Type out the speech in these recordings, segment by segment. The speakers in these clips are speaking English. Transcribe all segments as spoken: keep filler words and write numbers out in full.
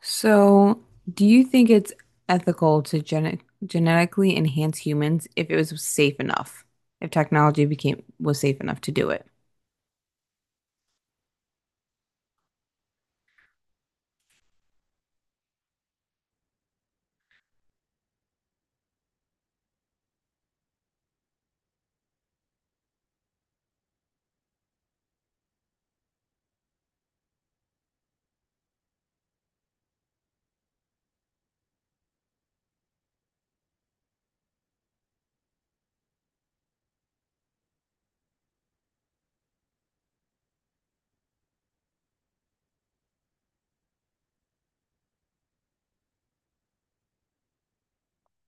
So, do you think it's ethical to genet genetically enhance humans if it was safe enough? If technology became was safe enough to do it?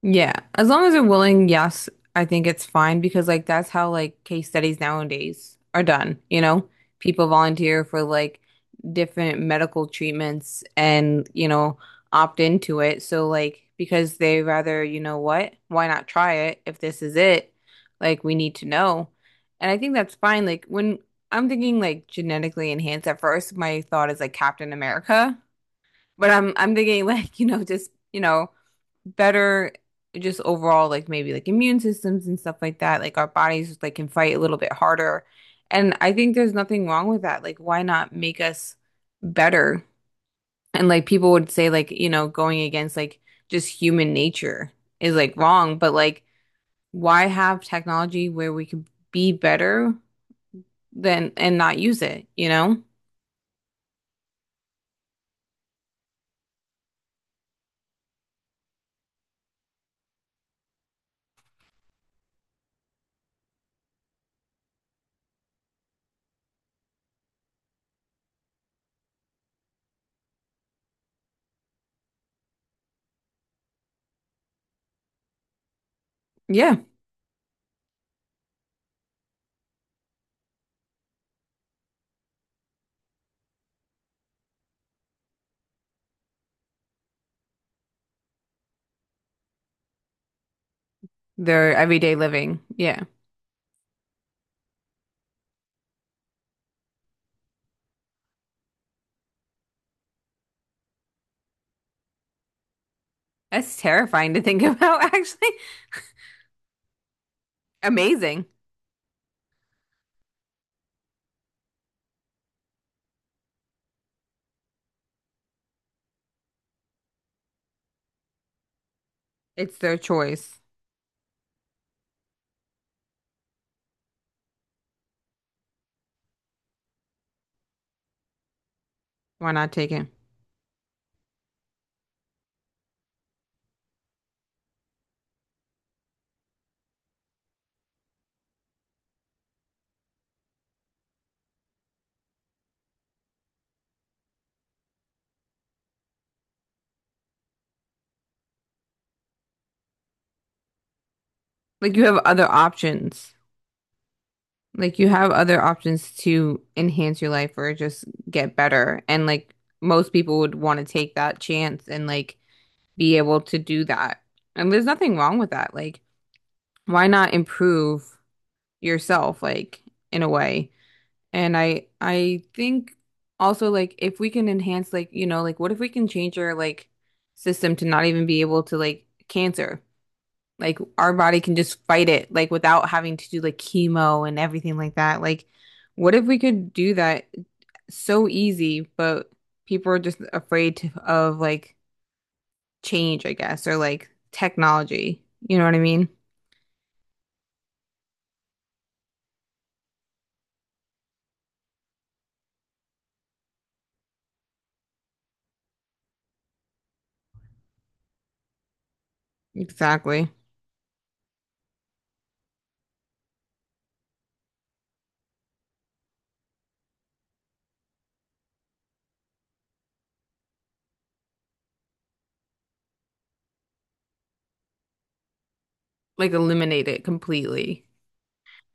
Yeah, as long as they're willing, yes, I think it's fine because like that's how like case studies nowadays are done, you know? People volunteer for like different medical treatments and, you know, opt into it. So like because they rather, you know what? Why not try it if this is it? Like we need to know. And I think that's fine. Like when I'm thinking like genetically enhanced at first, my thought is like Captain America. But I'm I'm thinking like, you know, just, you know, better just overall like maybe like immune systems and stuff like that. Like our bodies just like can fight a little bit harder. And I think there's nothing wrong with that. Like why not make us better? And like people would say like, you know, going against like just human nature is like wrong, but like why have technology where we could be better than and not use it, you know? Yeah, their everyday living. Yeah. That's terrifying to think about, actually. Amazing. It's their choice. Why not take it? Like you have other options. Like you have other options to enhance your life or just get better. And like most people would want to take that chance and like be able to do that. And there's nothing wrong with that. Like why not improve yourself like in a way? And I I think also like if we can enhance like, you know, like what if we can change our like system to not even be able to like cancer? Like our body can just fight it, like without having to do like chemo and everything like that. Like, what if we could do that so easy, but people are just afraid to, of like change, I guess, or like technology. You know what I mean? Exactly. Like eliminate it completely.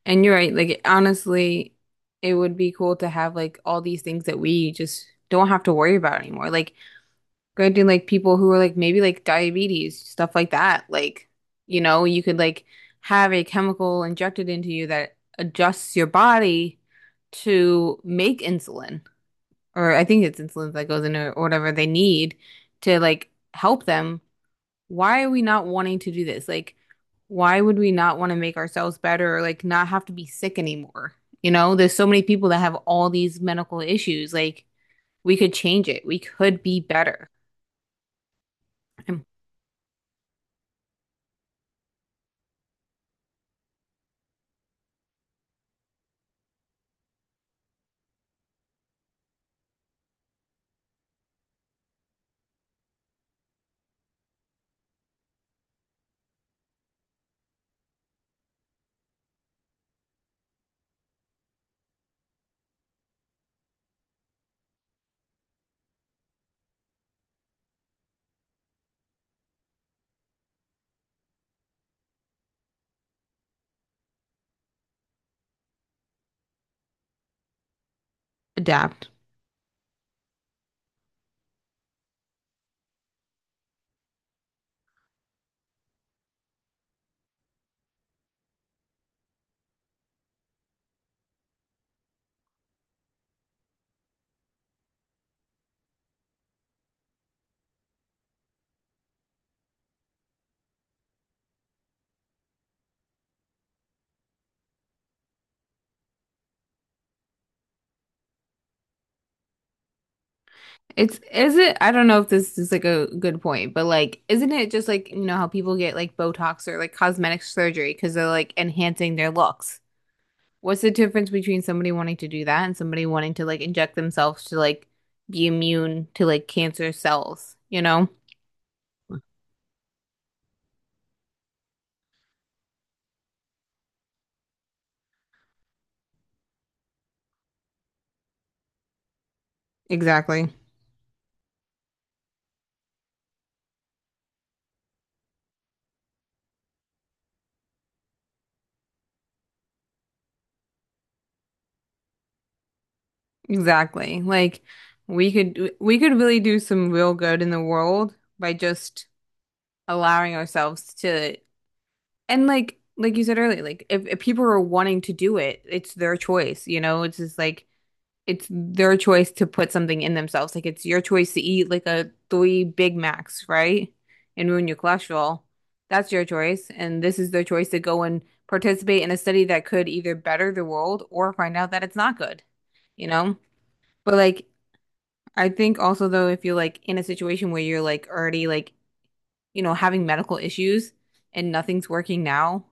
And you're right, like honestly, it would be cool to have like all these things that we just don't have to worry about anymore. Like granted, like people who are like maybe like diabetes, stuff like that. Like, you know, you could like have a chemical injected into you that adjusts your body to make insulin, or I think it's insulin that goes in or or whatever they need to like help them why are we not wanting to do this? Like, why would we not want to make ourselves better or like not have to be sick anymore? You know, there's so many people that have all these medical issues. Like, we could change it. We could be better and adapt. It's, is it, I don't know if this is like a good point, but like, isn't it just like, you know, how people get like Botox or like cosmetic surgery because they're like enhancing their looks? What's the difference between somebody wanting to do that and somebody wanting to like inject themselves to like be immune to like cancer cells, you know? Exactly. Exactly. Like we could we could really do some real good in the world by just allowing ourselves to and like like you said earlier, like if, if people are wanting to do it, it's their choice, you know? It's just like it's their choice to put something in themselves. Like it's your choice to eat like a three Big Macs, right? And ruin your cholesterol. That's your choice. And this is their choice to go and participate in a study that could either better the world or find out that it's not good, you know? But like I think also though if you're like in a situation where you're like already like, you know, having medical issues and nothing's working now,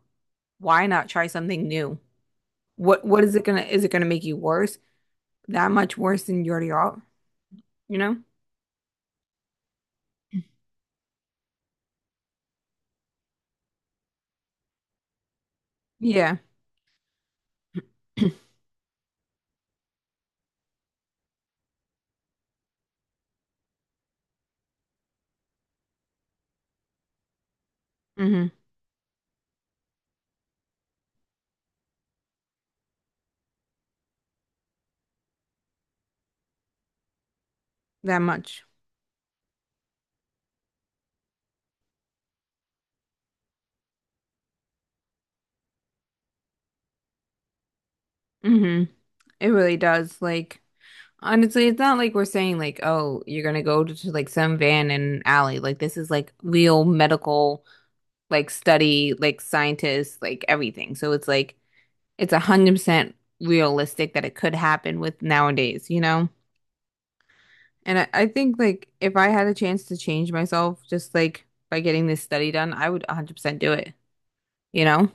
why not try something new? What what is it gonna is it gonna make you worse? That much worse than you already are, you know? Yeah. hmm That much. Hmm It really does. Like, honestly, it's not like we're saying like, oh, you're gonna go to, to, like some van in an alley. Like, this is like real medical, like study, like scientists, like everything. So it's like it's a hundred percent realistic that it could happen with nowadays, you know? And I, I think like if I had a chance to change myself, just like by getting this study done, I would a hundred percent do it, you know?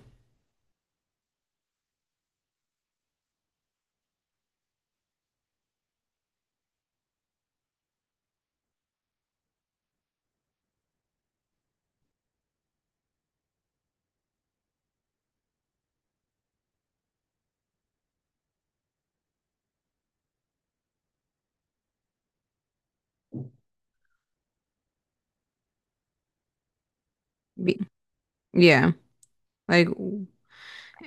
Be yeah. Like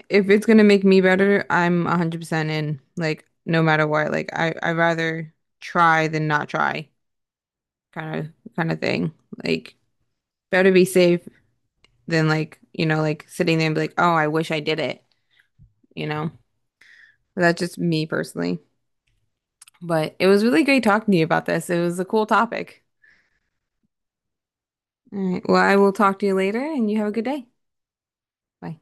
if it's gonna make me better, I'm one hundred percent in. Like no matter what. Like I I rather try than not try kind of kind of thing. Like better be safe than like, you know, like sitting there and be like, "Oh, I wish I did it." You know? But that's just me personally. But it was really great talking to you about this. It was a cool topic. All right. Well, I will talk to you later and you have a good day. Bye.